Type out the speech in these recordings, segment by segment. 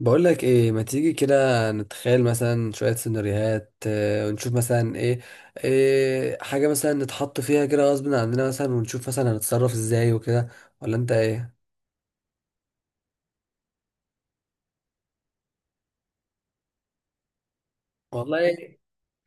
بقول لك ايه؟ ما تيجي كده، نتخيل مثلا شوية سيناريوهات، ونشوف مثلا ايه. إيه حاجة مثلا نتحط فيها كده غصب عننا مثلا، ونشوف مثلا هنتصرف ازاي وكده. ولا انت ايه؟ والله،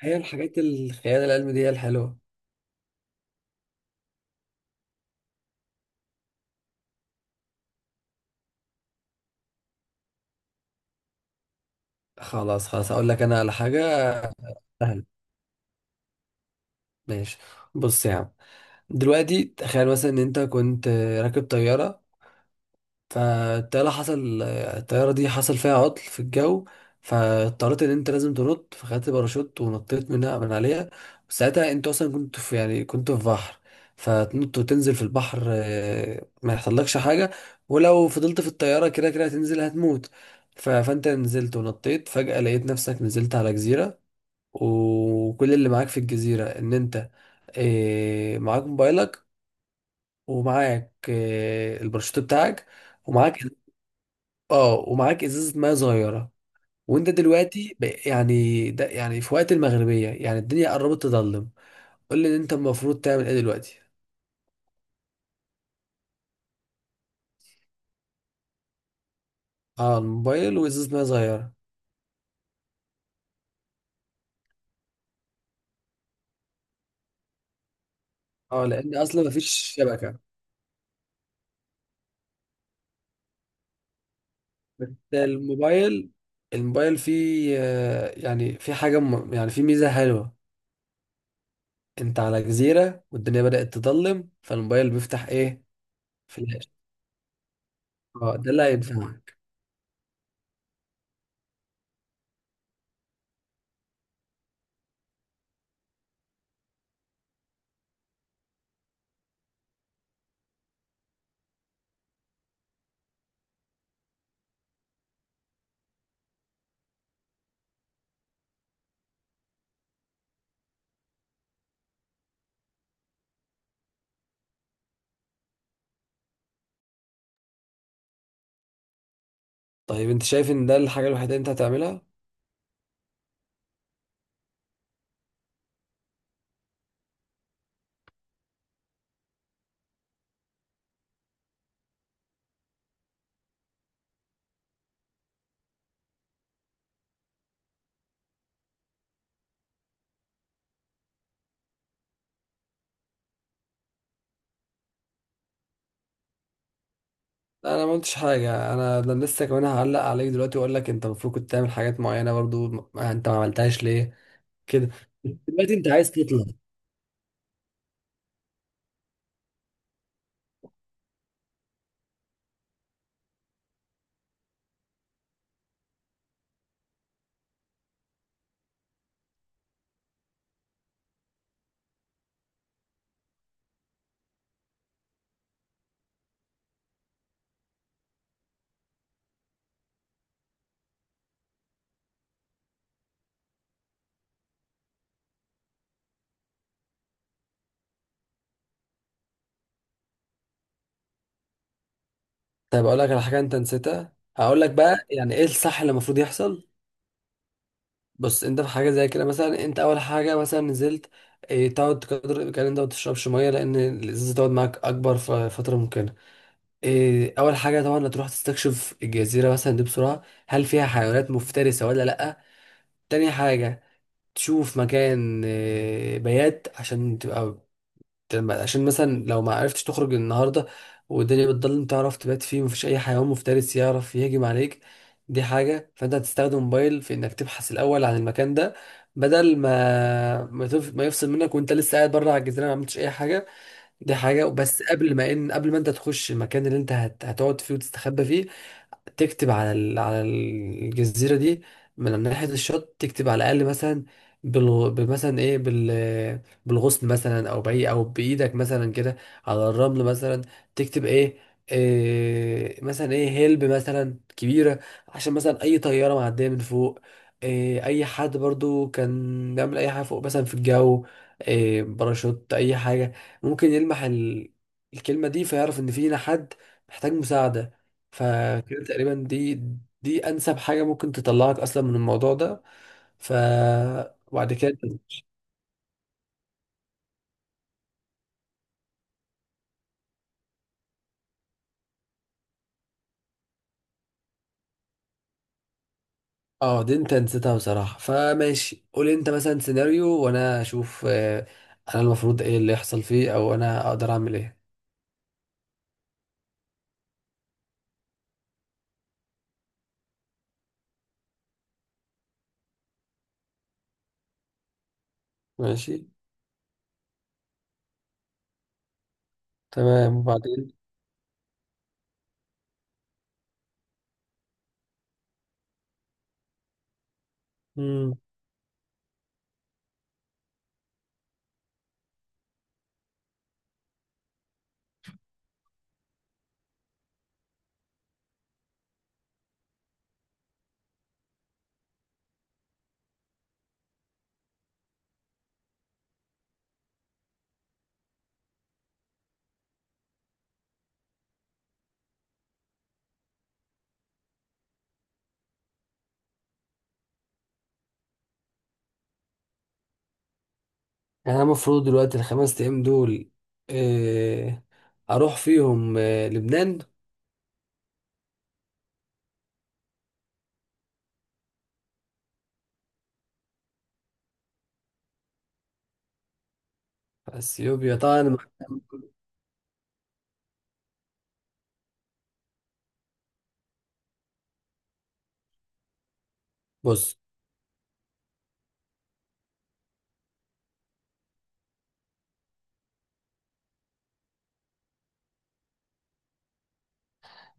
هي الحاجات الخيال العلمي دي هي الحلوة. خلاص خلاص، هقول لك انا على حاجة سهلة. ماشي. بص يا عم، دلوقتي تخيل مثلا ان انت كنت راكب طيارة. فالطيارة حصل الطيارة دي حصل فيها عطل في الجو. فاضطريت ان انت لازم تنط، فخدت باراشوت ونطيت من عليها. ساعتها انت اصلا كنت في بحر. فتنط وتنزل في البحر، ما يحصلكش حاجة. ولو فضلت في الطيارة كده كده هتنزل هتموت. فانت نزلت ونطيت، فجأة لقيت نفسك نزلت على جزيرة. وكل اللي معاك في الجزيرة ان انت معاك موبايلك. ومعاك الباراشوت بتاعك. ومعاك اه ومعاك ازازه ميه صغيره. وانت دلوقتي يعني ده يعني في وقت المغربيه، يعني الدنيا قربت تظلم. قول لي ان انت المفروض تعمل ايه دلوقتي. اه، الموبايل وازازه ميه صغيره. اه، لان اصلا مفيش شبكه. بس. الموبايل الموبايل فيه يعني في حاجه، يعني في ميزه حلوه. انت على جزيره والدنيا بدات تظلم، فالموبايل بيفتح ايه؟ فلاش. اه، ده اللي هينفعك. طيب، انت شايف ان ده الحاجه الوحيده اللي انت هتعملها؟ لا، انا ما قلتش حاجه. انا ده لسه كمان هعلق عليك دلوقتي واقول لك انت المفروض كنت تعمل حاجات معينه برضو. ما انت ما عملتهاش ليه؟ كده. دلوقتي انت عايز تطلع. طيب، اقول لك على حاجه انت نسيتها. هقول لك بقى يعني ايه الصح اللي المفروض يحصل. بص، انت في حاجه زي كده، مثلا انت اول حاجه مثلا نزلت، إيه، تقعد قدر الامكان. انت ما تشربش ميه لان الازازه تقعد معاك اكبر فتره ممكنه. إيه، اول حاجه طبعا هتروح تستكشف الجزيره مثلا دي بسرعه، هل فيها حيوانات مفترسه ولا لا. تاني حاجه، تشوف مكان بيات عشان تبقى، عشان مثلا لو ما عرفتش تخرج النهارده والدنيا بتضلم تعرف تبات فيه ومفيش اي حيوان مفترس يعرف يهجم عليك. دي حاجة. فانت هتستخدم موبايل في انك تبحث الاول عن المكان ده، بدل ما ما يفصل منك وانت لسه قاعد بره على الجزيرة ما عملتش اي حاجة. دي حاجة. بس قبل ما ان قبل ما انت تخش المكان اللي انت هتقعد فيه وتستخبى فيه، تكتب على الجزيرة دي، من ناحية الشط، تكتب على الأقل مثلا، بال مثلا إيه بال بالغصن مثلا أو بأي أو بإيدك مثلا كده، على الرمل مثلا، تكتب إيه, إيه مثلا إيه هيلب مثلا كبيرة. عشان مثلا أي طيارة معدية من فوق، إيه، أي حد برضو كان بيعمل أي حاجة فوق مثلا في الجو، إيه، باراشوت، أي حاجة، ممكن يلمح الكلمة دي فيعرف إن فينا حد محتاج مساعدة. فكده تقريبا، دي انسب حاجه ممكن تطلعك اصلا من الموضوع ده. ف، وبعد كده، اه، دي انت نسيتها بصراحه. فماشي، قول انت مثلا سيناريو وانا اشوف. انا المفروض ايه اللي يحصل فيه او انا اقدر اعمل ايه. ماشي. تمام وبعدين. امم يعني انا المفروض دلوقتي الخمس ايام دول إيه، اروح فيهم لبنان؟ اثيوبيا طبعا. بص.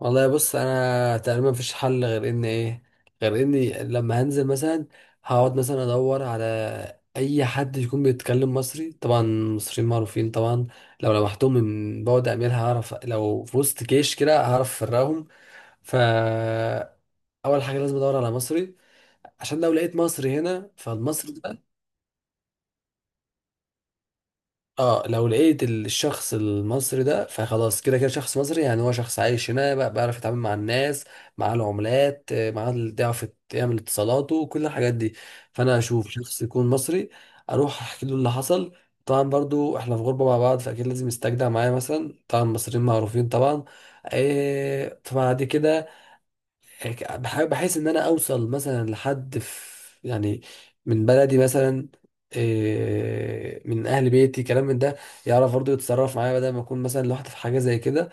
والله، بص، انا تقريبا مفيش حل غير ان ايه، غير اني لما هنزل مثلا هقعد مثلا ادور على اي حد يكون بيتكلم مصري. طبعا المصريين معروفين طبعا. لو لمحتهم من بعد اميال هعرف، لو في وسط جيش كده هعرف افرقهم. فاول حاجه لازم ادور على مصري، عشان لو لقيت مصري هنا فالمصري ده، اه، لو لقيت الشخص المصري ده فخلاص كده كده شخص مصري. يعني هو شخص عايش هنا بيعرف يتعامل مع الناس مع العملات، بيعرف يعمل اتصالاته كل الحاجات دي. فانا اشوف شخص يكون مصري، اروح احكي له اللي حصل. طبعا برضو احنا في غربة مع بعض، فاكيد لازم يستجدع معايا مثلا. طبعا المصريين معروفين طبعا. آه، فبعد كده بحيث ان انا اوصل مثلا لحد في، يعني من بلدي مثلا، إيه، من اهل بيتي كلام من ده، يعرف برضه يتصرف معايا بدل ما اكون مثلا لوحدي في حاجه زي كده.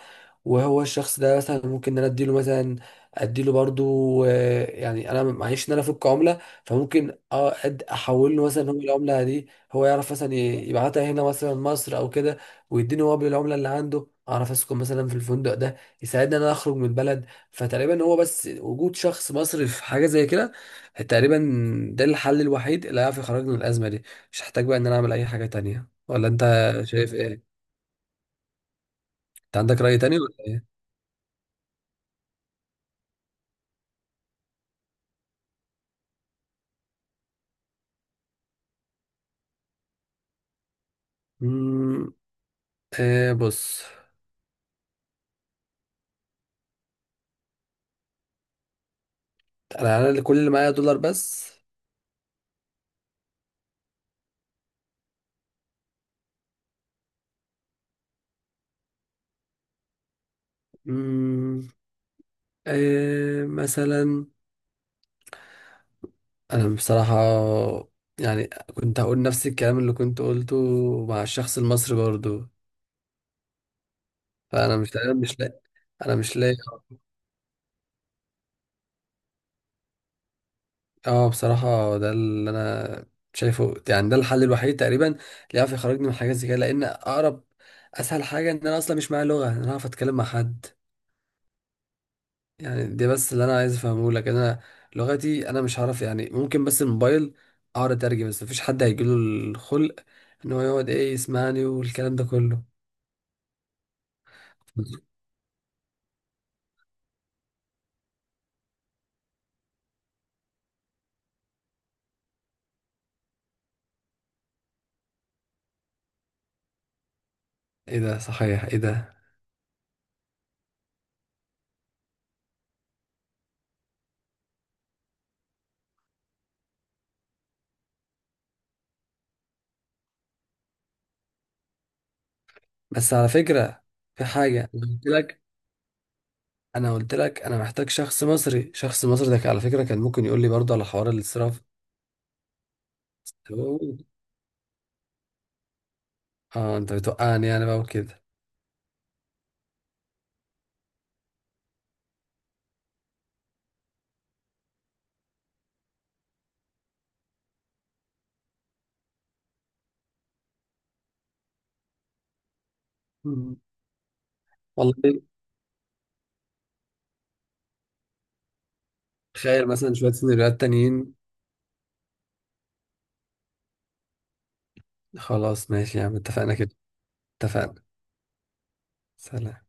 وهو الشخص ده مثلا ممكن ان انا اديله برضه، يعني انا معيش ان انا افك عمله. فممكن احول له مثلا، هو العمله دي هو يعرف مثلا يبعتها هنا مثلا مصر او كده، ويديني هو بالعمله اللي عنده، اعرف اسكن مثلا في الفندق ده، يساعدني ان انا اخرج من البلد. فتقريبا هو بس وجود شخص مصري في حاجه زي كده، تقريبا، ده الحل الوحيد اللي هيعرف يخرجنا من الازمه دي. مش هحتاج بقى ان انا اعمل اي حاجه تانية. ولا انت شايف ايه؟ انت عندك راي تاني ولا؟ امم بص، انا اللي كل اللي معايا دولار بس. امم مثلا، انا بصراحه يعني كنت هقول نفس الكلام اللي كنت قلته مع الشخص المصري برضو. فانا مش لاقي. انا مش لاقي. اه بصراحة، ده اللي انا شايفه. يعني ده الحل الوحيد تقريبا اللي يعرف يخرجني من حاجات زي كده، لان اقرب اسهل حاجة ان انا اصلا مش معايا لغة ان انا اعرف اتكلم مع حد. يعني دي بس اللي انا عايز افهمه لك. انا لغتي انا مش هعرف. يعني ممكن بس الموبايل اقعد اترجم، بس مفيش حد هيجيله الخلق ان هو يقعد ايه يسمعني والكلام ده كله. ايه ده، صحيح، ايه ده، بس على فكرة في حاجة انا قلت لك. انا قلت لك انا محتاج شخص مصري. شخص مصري ده على فكرة كان ممكن يقول لي برضه على حوار الاستيراد. اه، انت بتوقعني انا بقى وكده. مم. والله، تخيل مثلا شوية سيناريوهات تانيين. خلاص ماشي يا عم، اتفقنا كده. اتفقنا. سلام.